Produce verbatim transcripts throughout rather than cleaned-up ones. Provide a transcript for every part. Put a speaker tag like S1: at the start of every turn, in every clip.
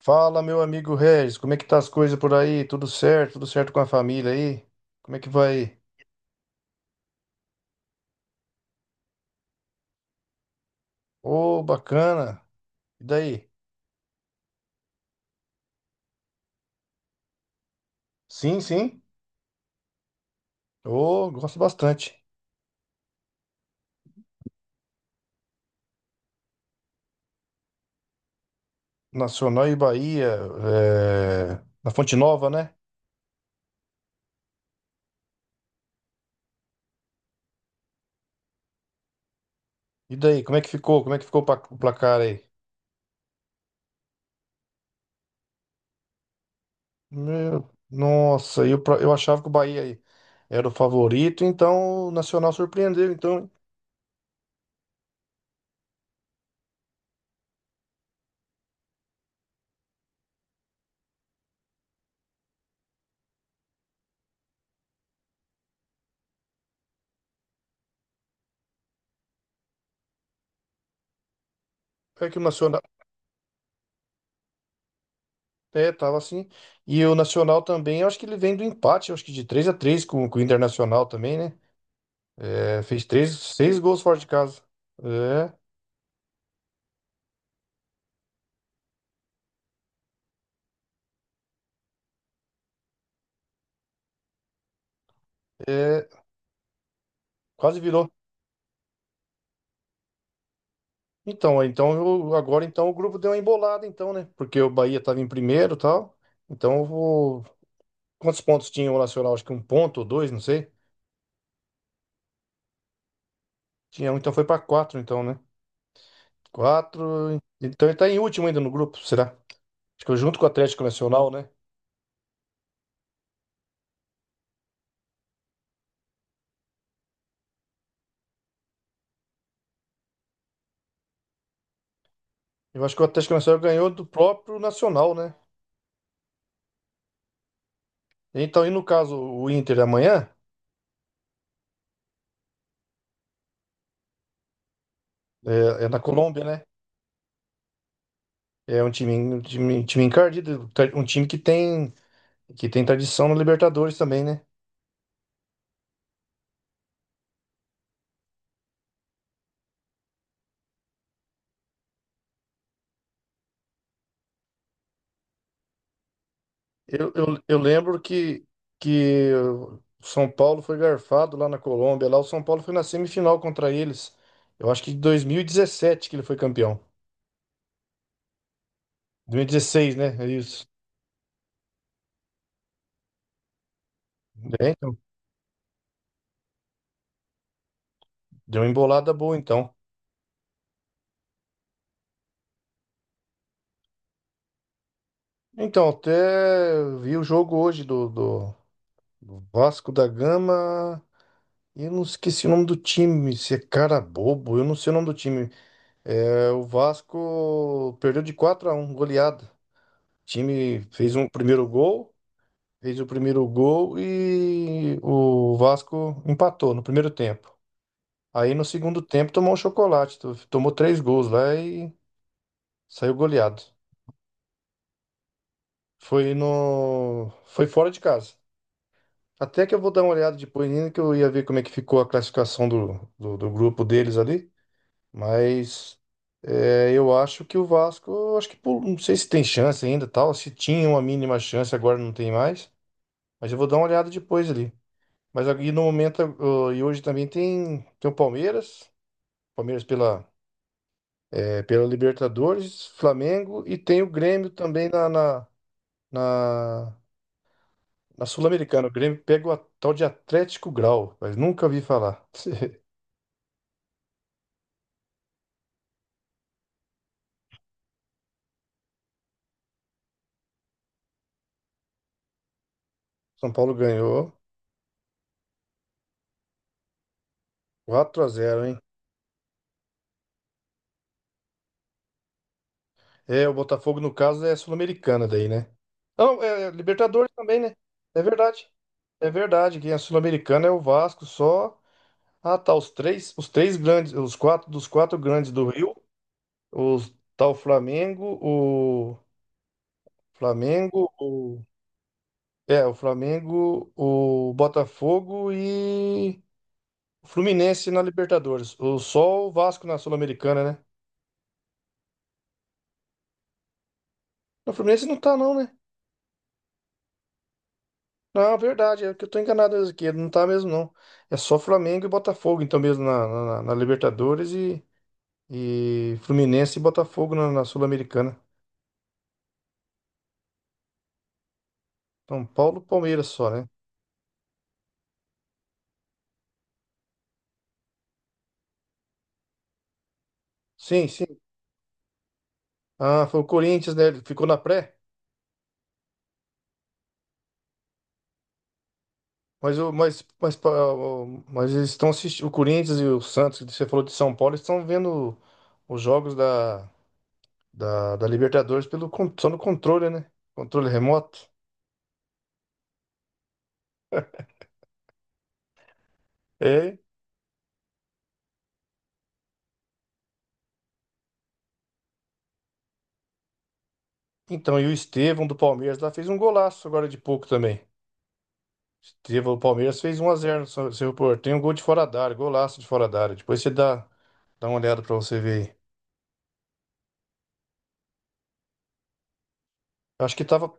S1: Fala, meu amigo Regis, como é que tá as coisas por aí? Tudo certo? Tudo certo com a família aí? Como é que vai? Ô, bacana. E daí? Sim, sim. Ô, gosto bastante. Nacional e Bahia, é, na Fonte Nova, né? E daí, como é que ficou? Como é que ficou o pa- o placar aí? Meu, nossa, eu, pra- eu achava que o Bahia aí era o favorito, então o Nacional surpreendeu. Então, é que o Nacional. É, tava assim. E o Nacional também, eu acho que ele vem do empate, eu acho que de três a três com, com o Internacional também, né? É, fez três, seis gols fora de casa. É, é, quase virou. Então, é, então eu- agora então o grupo deu uma embolada, então, né? Porque o Bahia tava em primeiro e tal. Então, eu vou... quantos pontos tinha o Nacional? Acho que um ponto ou dois, não sei. Tinha um, então foi pra quatro, então, né? Quatro. Então ele tá em último ainda no grupo, será? Acho que junto com o Atlético Nacional, né? Eu acho que o Atlético Nacional ganhou do próprio Nacional, né? Então, e no caso, o Inter amanhã é, é na Colômbia, né? É um time, um time, um time encardido, tra- um time que tem, que tem tradição no Libertadores também, né? Eu, eu, eu lembro que, que o São Paulo foi garfado lá na Colômbia. Lá o São Paulo foi na semifinal contra eles. Eu acho que em dois mil e dezessete que ele foi campeão. dois mil e dezesseis, né? É isso. É, então, deu uma embolada boa, então. Então, até vi o jogo hoje do, do do Vasco da Gama. E eu não esqueci o nome do time, se é cara bobo, eu não sei o nome do time. É, o Vasco perdeu de quatro a um, goleada. O time fez um primeiro gol, fez o primeiro gol e o Vasco empatou no primeiro tempo. Aí no segundo tempo tomou um chocolate, to- tomou três gols lá e saiu goleado. Foi no, Foi fora de casa. Até que eu vou dar uma olhada depois, ainda que eu ia ver como é que ficou a classificação do, do do grupo deles ali. Mas é, eu acho que o Vasco, eu acho que pul- não sei se tem chance ainda, tal. Se tinha uma mínima chance, agora não tem mais. Mas eu vou dar uma olhada depois ali. Mas aqui no momento, ah, e hoje também tem, tem o Palmeiras, Palmeiras pela, é, pela Libertadores, Flamengo e tem o Grêmio também na, na, na, na Sul-Americana. O Grêmio pega o a- tal de Atlético Grau, mas nunca vi falar. São Paulo ganhou quatro a zero, hein? É, o Botafogo, no caso, é Sul-Americana daí, né? Não, é é Libertadores também, né? É verdade. É verdade, quem é Sul-Americana é o Vasco só. Ah, tá, os três, os três grandes, os quatro dos quatro grandes do Rio, os tá o Flamengo, o Flamengo, o é, o Flamengo, o Botafogo e o Fluminense na Libertadores. O só o Vasco na Sul-Americana, né? O Fluminense não tá não, né? Não, é verdade, é que eu tô enganado mesmo aqui, não tá mesmo não. É só Flamengo e Botafogo, então mesmo na, na- na Libertadores e, e Fluminense e Botafogo na, na Sul-Americana. São Paulo, Palmeiras só, né? Sim, sim. Ah, foi o Corinthians, né? Ele ficou na pré, mas o mas mas, pa- o- mas eles estão assistindo o Corinthians e o Santos, que você falou de São Paulo, eles estão vendo os jogos da, da, da Libertadores pelo con- só no controle, né? Controle remoto. É, então, e o Estevão do Palmeiras lá fez um golaço agora de pouco também. Estevão do Palmeiras fez um a zero no São- seu Porto. Tem um gol de fora da área, golaço de fora da área. Depois você dá, dá uma olhada pra você ver aí. Acho que tava.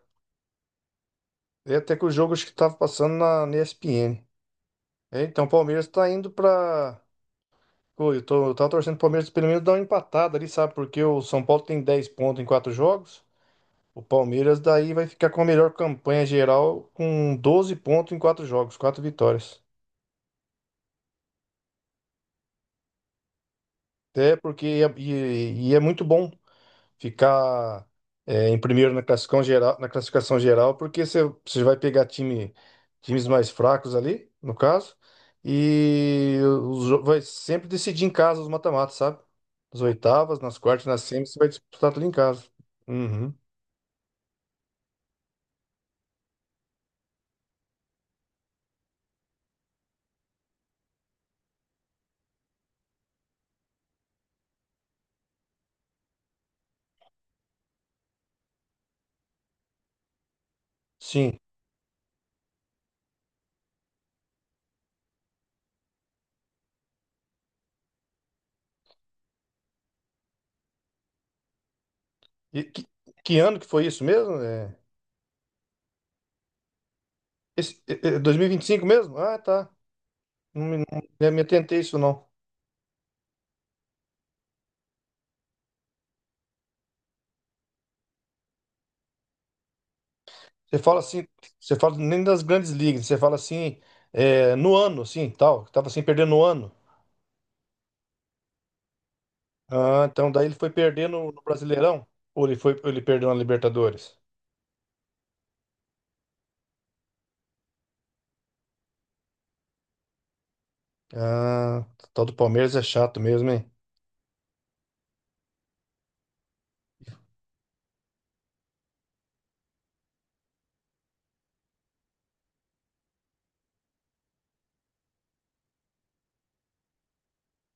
S1: É até que o jogo acho que tava passando na, na éspin. É, então o Palmeiras tá indo pra. Pô, eu tô, eu tava torcendo pro Palmeiras pelo menos dar uma empatada ali, sabe? Porque o São Paulo tem dez pontos em quatro jogos. O Palmeiras daí vai ficar com a melhor campanha geral com doze pontos em quatro jogos, quatro vitórias. Até porque é- e, e é muito bom ficar é, em primeiro na classificação geral, na classificação geral, porque você, você vai pegar time, times mais fracos ali, no caso, e os jo- vai sempre decidir em casa os mata-matas, sabe? Nas oitavas, nas quartas, nas semis, você vai disputar tudo em casa. Uhum. Sim. E que, que ano que foi isso mesmo? É, esse, é, é dois mil e vinte e cinco mesmo? Ah, tá. Não me, não me atentei a isso, não. Você fala assim, você fala nem das grandes ligas, você fala assim, é, no ano, assim, tal, que tava sem perder no ano. Ah, então daí ele foi perder no, no Brasileirão? Ou ele foi, ou ele perdeu na Libertadores? Ah, o tal do Palmeiras é chato mesmo, hein?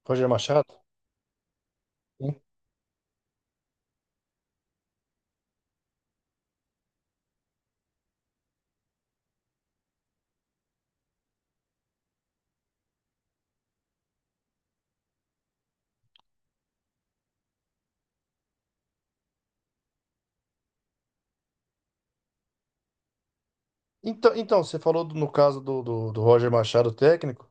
S1: Roger Machado? Sim. Então, então, você falou do- no caso do, do, do Roger Machado, técnico,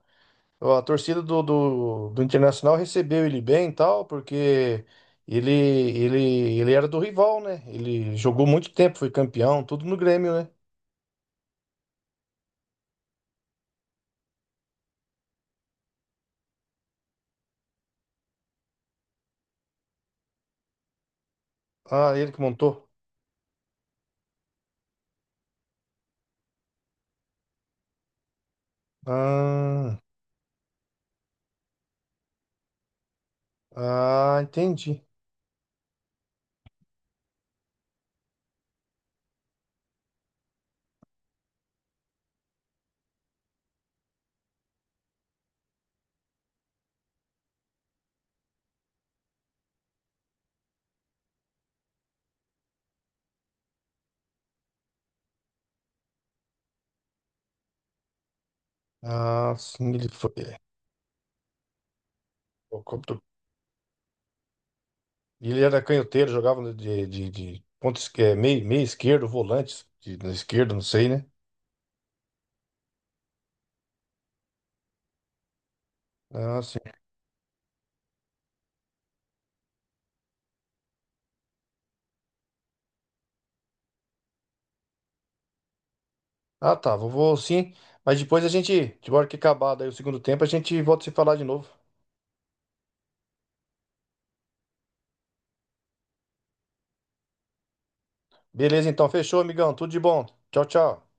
S1: ó, a torcida do, do, do Internacional recebeu ele bem e tal, porque ele, ele, ele era do rival, né? Ele jogou muito tempo, foi campeão, tudo no Grêmio, né? Ah, ele que montou? Ah, ah, entendi. Ah, sim, ele foi. é, o compro- Ele era canhoteiro, jogava no- de, de, de ponta esquerda, meio, meio esquerdo, volante, de, na esquerda, não sei, né? Ah, sim. Ah, tá, vou, vou sim. Mas depois a gente, de hora que acabar daí o segundo tempo, a gente volta a se falar de novo. Beleza, então, fechou, amigão. Tudo de bom. Tchau, tchau.